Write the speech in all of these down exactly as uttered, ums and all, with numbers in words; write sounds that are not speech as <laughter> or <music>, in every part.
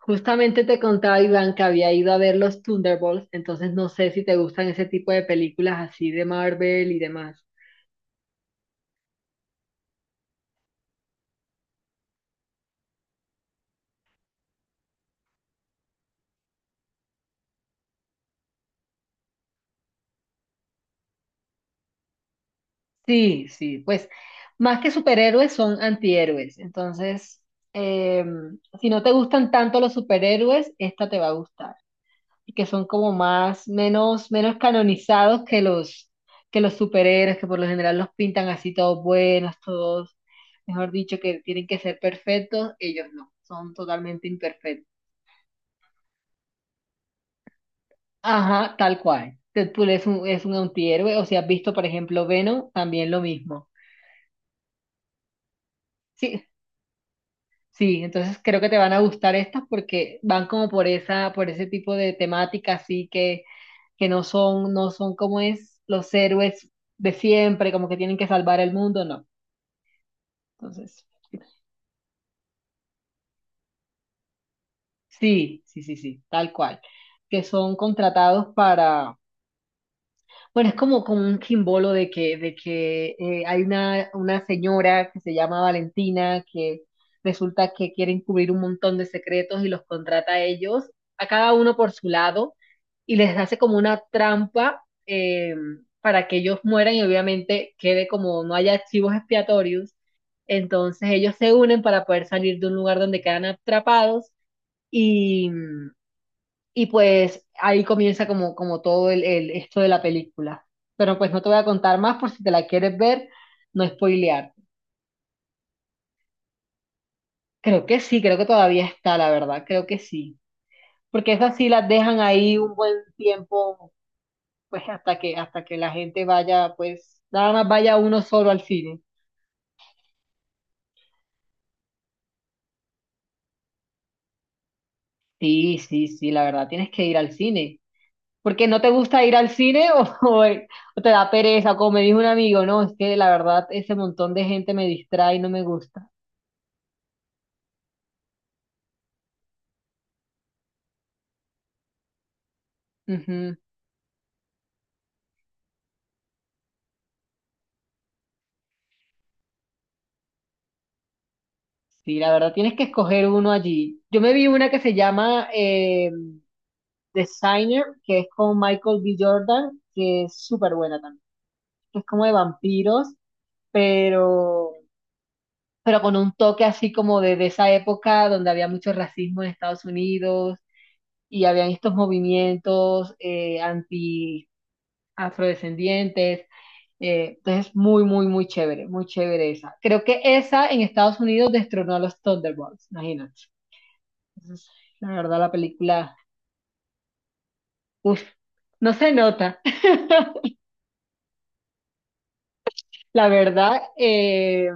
Justamente te contaba Iván que había ido a ver los Thunderbolts, entonces no sé si te gustan ese tipo de películas así de Marvel y demás. Sí, sí, pues más que superhéroes son antihéroes, entonces eh, si no te gustan tanto los superhéroes, esta te va a gustar, y que son como más, menos, menos canonizados que los, que los superhéroes, que por lo general los pintan así todos buenos, todos, mejor dicho, que tienen que ser perfectos, ellos no, son totalmente imperfectos. Ajá, tal cual. Deadpool es un, es un antihéroe, o si has visto, por ejemplo, Venom, también lo mismo. Sí, sí, entonces creo que te van a gustar estas porque van como por esa, por ese tipo de temática, así que, que no son, no son como es los héroes de siempre, como que tienen que salvar el mundo, no. Entonces, sí, sí, sí, sí, tal cual. Que son contratados para. Bueno, es como, como un quimbolo de que, de que eh, hay una, una señora que se llama Valentina que resulta que quiere encubrir un montón de secretos y los contrata a ellos, a cada uno por su lado, y les hace como una trampa eh, para que ellos mueran y obviamente quede como no haya archivos expiatorios. Entonces ellos se unen para poder salir de un lugar donde quedan atrapados y, y pues ahí comienza como, como todo el, el- esto de la película. Pero pues no te voy a contar más por si te la quieres ver, no spoilear. Creo que sí, creo que todavía está, la verdad, creo que sí. Porque esas sí las dejan ahí un buen tiempo, pues hasta que, hasta que la gente vaya, pues nada más vaya uno solo al cine. Sí, sí, sí, la verdad, tienes que ir al cine. Porque no te gusta ir al cine <laughs> o, o, o te da pereza, como me dijo un amigo, no, es que la verdad ese montón de gente me distrae y no me gusta. Ujú. Sí, la verdad tienes que escoger uno allí. Yo me vi una que se llama eh, Designer, que es con Michael B. Jordan, que es súper buena también. Es como de vampiros, pero, pero con un toque así como de, de esa época donde había mucho racismo en Estados Unidos y habían estos movimientos eh, anti-afrodescendientes. Eh, entonces, muy, muy, muy chévere, muy chévere esa. Creo que esa en Estados Unidos destronó a los Thunderbolts, imagínate. Entonces, la verdad, la película, uf, no se nota. <laughs> La verdad, eh,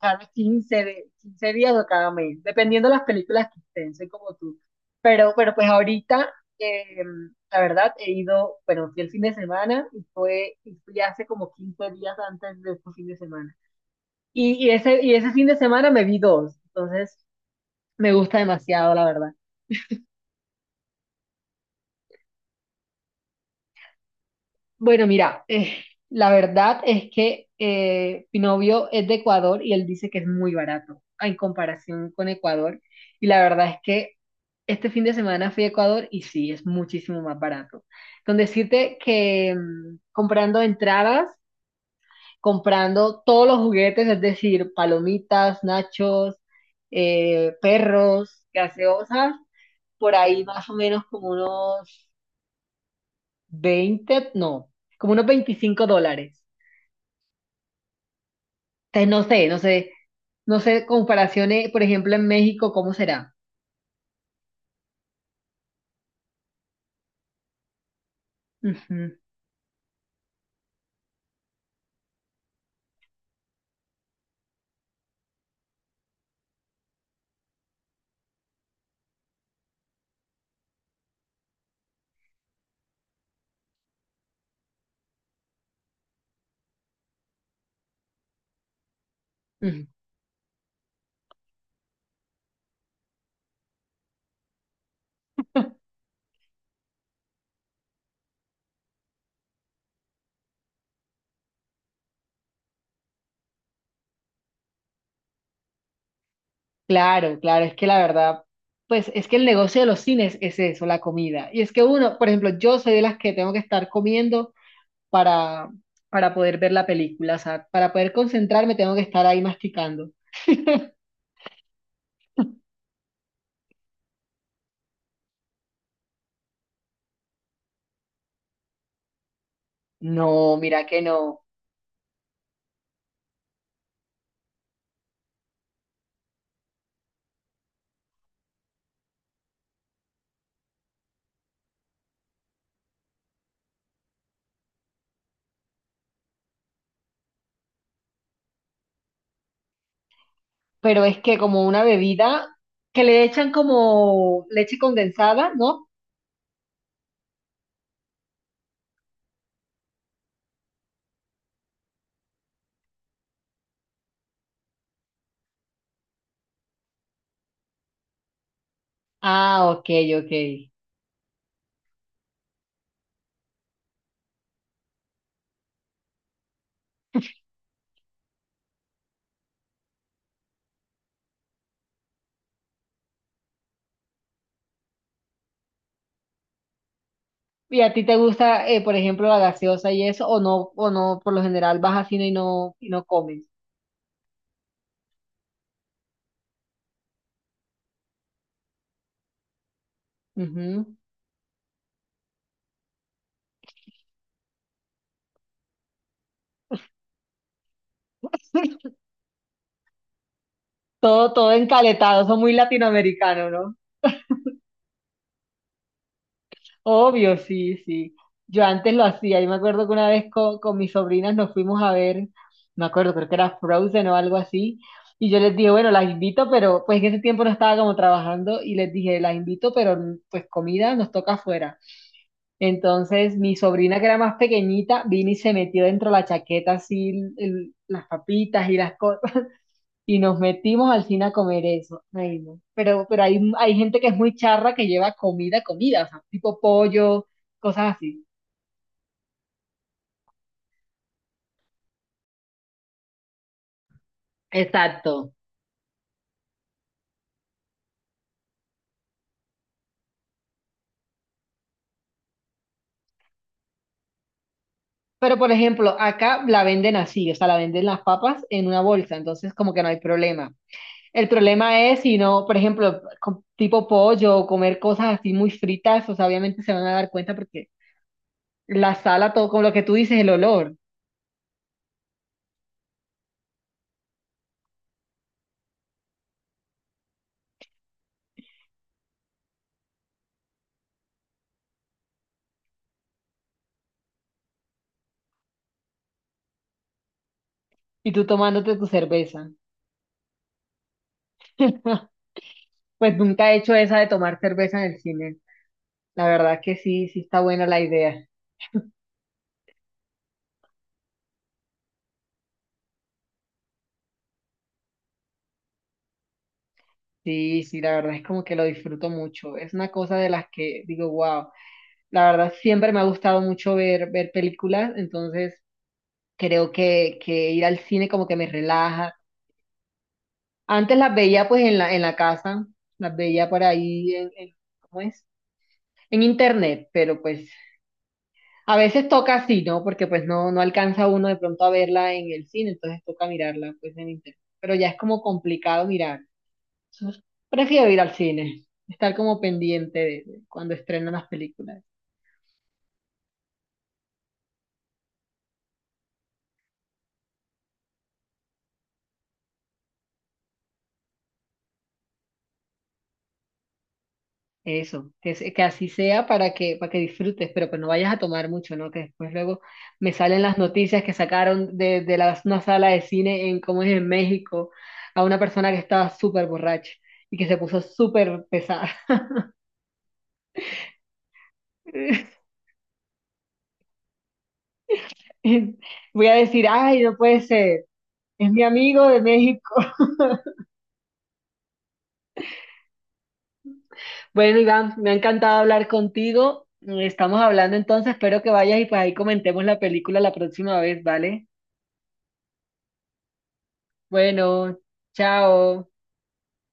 cada quince de- quince días o cada mes, dependiendo de las películas que estén, soy como tú. Pero, pero pues ahorita, eh, la verdad, he ido, bueno, fui el fin de semana y fue, y fui hace como quince días antes de este fin de semana. Y, y ese, y ese fin de semana me vi dos, entonces me gusta demasiado, la verdad. Bueno, mira, eh, la verdad es que eh, mi novio es de Ecuador y él dice que es muy barato en comparación con Ecuador. Y la verdad es que este fin de semana fui a Ecuador y sí, es muchísimo más barato. Con decirte que mm, comprando entradas, comprando todos los juguetes, es decir, palomitas, nachos, eh, perros, gaseosas, por ahí más o menos como unos veinte no, como unos veinticinco dólares. Te- No sé, no sé, no sé comparaciones, por ejemplo, en México, ¿cómo será? Ujú, ujú. Claro, claro, es que la verdad, pues es que el negocio de los cines es eso, la comida. Y es que uno, por ejemplo, yo soy de las que tengo que estar comiendo para, para poder ver la película, o sea, para poder concentrarme tengo que estar ahí masticando. No, mira que no. Pero es que como una bebida que le echan como leche condensada, ¿no? Ah, ok, ok. ¿Y a ti te gusta, eh, por ejemplo, la gaseosa y eso, o no, o no, por lo general vas a cine y no, y no comes? Ujú. <laughs> Todo, todo encaletado, son muy latinoamericanos, ¿no? Obvio, sí, sí. Yo antes lo hacía, yo me acuerdo que una vez co- con, mis sobrinas nos fuimos a ver, me acuerdo, creo que era Frozen o algo así, y yo les dije, bueno, las invito, pero pues en ese tiempo no estaba como trabajando, y les dije, las invito, pero pues comida nos toca afuera. Entonces, mi sobrina que era más pequeñita vino y se metió dentro de la chaqueta así el- el- las papitas y las cosas <laughs> y nos metimos al cine a comer eso. Ay, no. Pero, pero hay, hay gente que es muy charra que lleva comida, comida, o sea, tipo pollo, cosas así. Exacto. Pero por ejemplo, acá la venden así, o sea, la venden las papas en una bolsa, entonces como que no hay problema. El problema es si no, por ejemplo, co- tipo pollo o comer cosas así muy fritas, o sea, obviamente se van a dar cuenta porque la sala, todo con lo que tú dices, el olor, y tú tomándote tu cerveza. <laughs> Pues nunca he hecho esa de tomar cerveza en el cine. La verdad que sí, sí está buena la idea. Sí, sí, la verdad es como que lo disfruto mucho. Es una cosa de las que digo, wow. La verdad siempre me ha gustado mucho ver, ver películas, entonces creo que, que ir al cine como que me relaja. Antes las veía pues en la, en la casa, las veía por ahí en, en- ¿cómo es? En internet, pero pues a veces toca así, ¿no? Porque pues no, no alcanza uno de pronto a verla en el cine, entonces toca mirarla pues en internet. Pero ya es como complicado mirar. Entonces, prefiero ir al cine, estar como pendiente de, de cuando estrenan las películas. Eso, que, se- que así sea para que, para que disfrutes, pero pues no vayas a tomar mucho, ¿no? Que después luego me salen las noticias que sacaron de, de la- una sala de cine en, ¿cómo es? En México, a una persona que estaba súper borracha y que se puso súper pesada. <laughs> <laughs> Voy a decir, ay, no puede ser, es mi amigo de México. <laughs> Bueno, Iván, me ha encantado hablar contigo. Estamos hablando entonces, espero que vayas y pues ahí comentemos la película la próxima vez, ¿vale? Bueno, chao.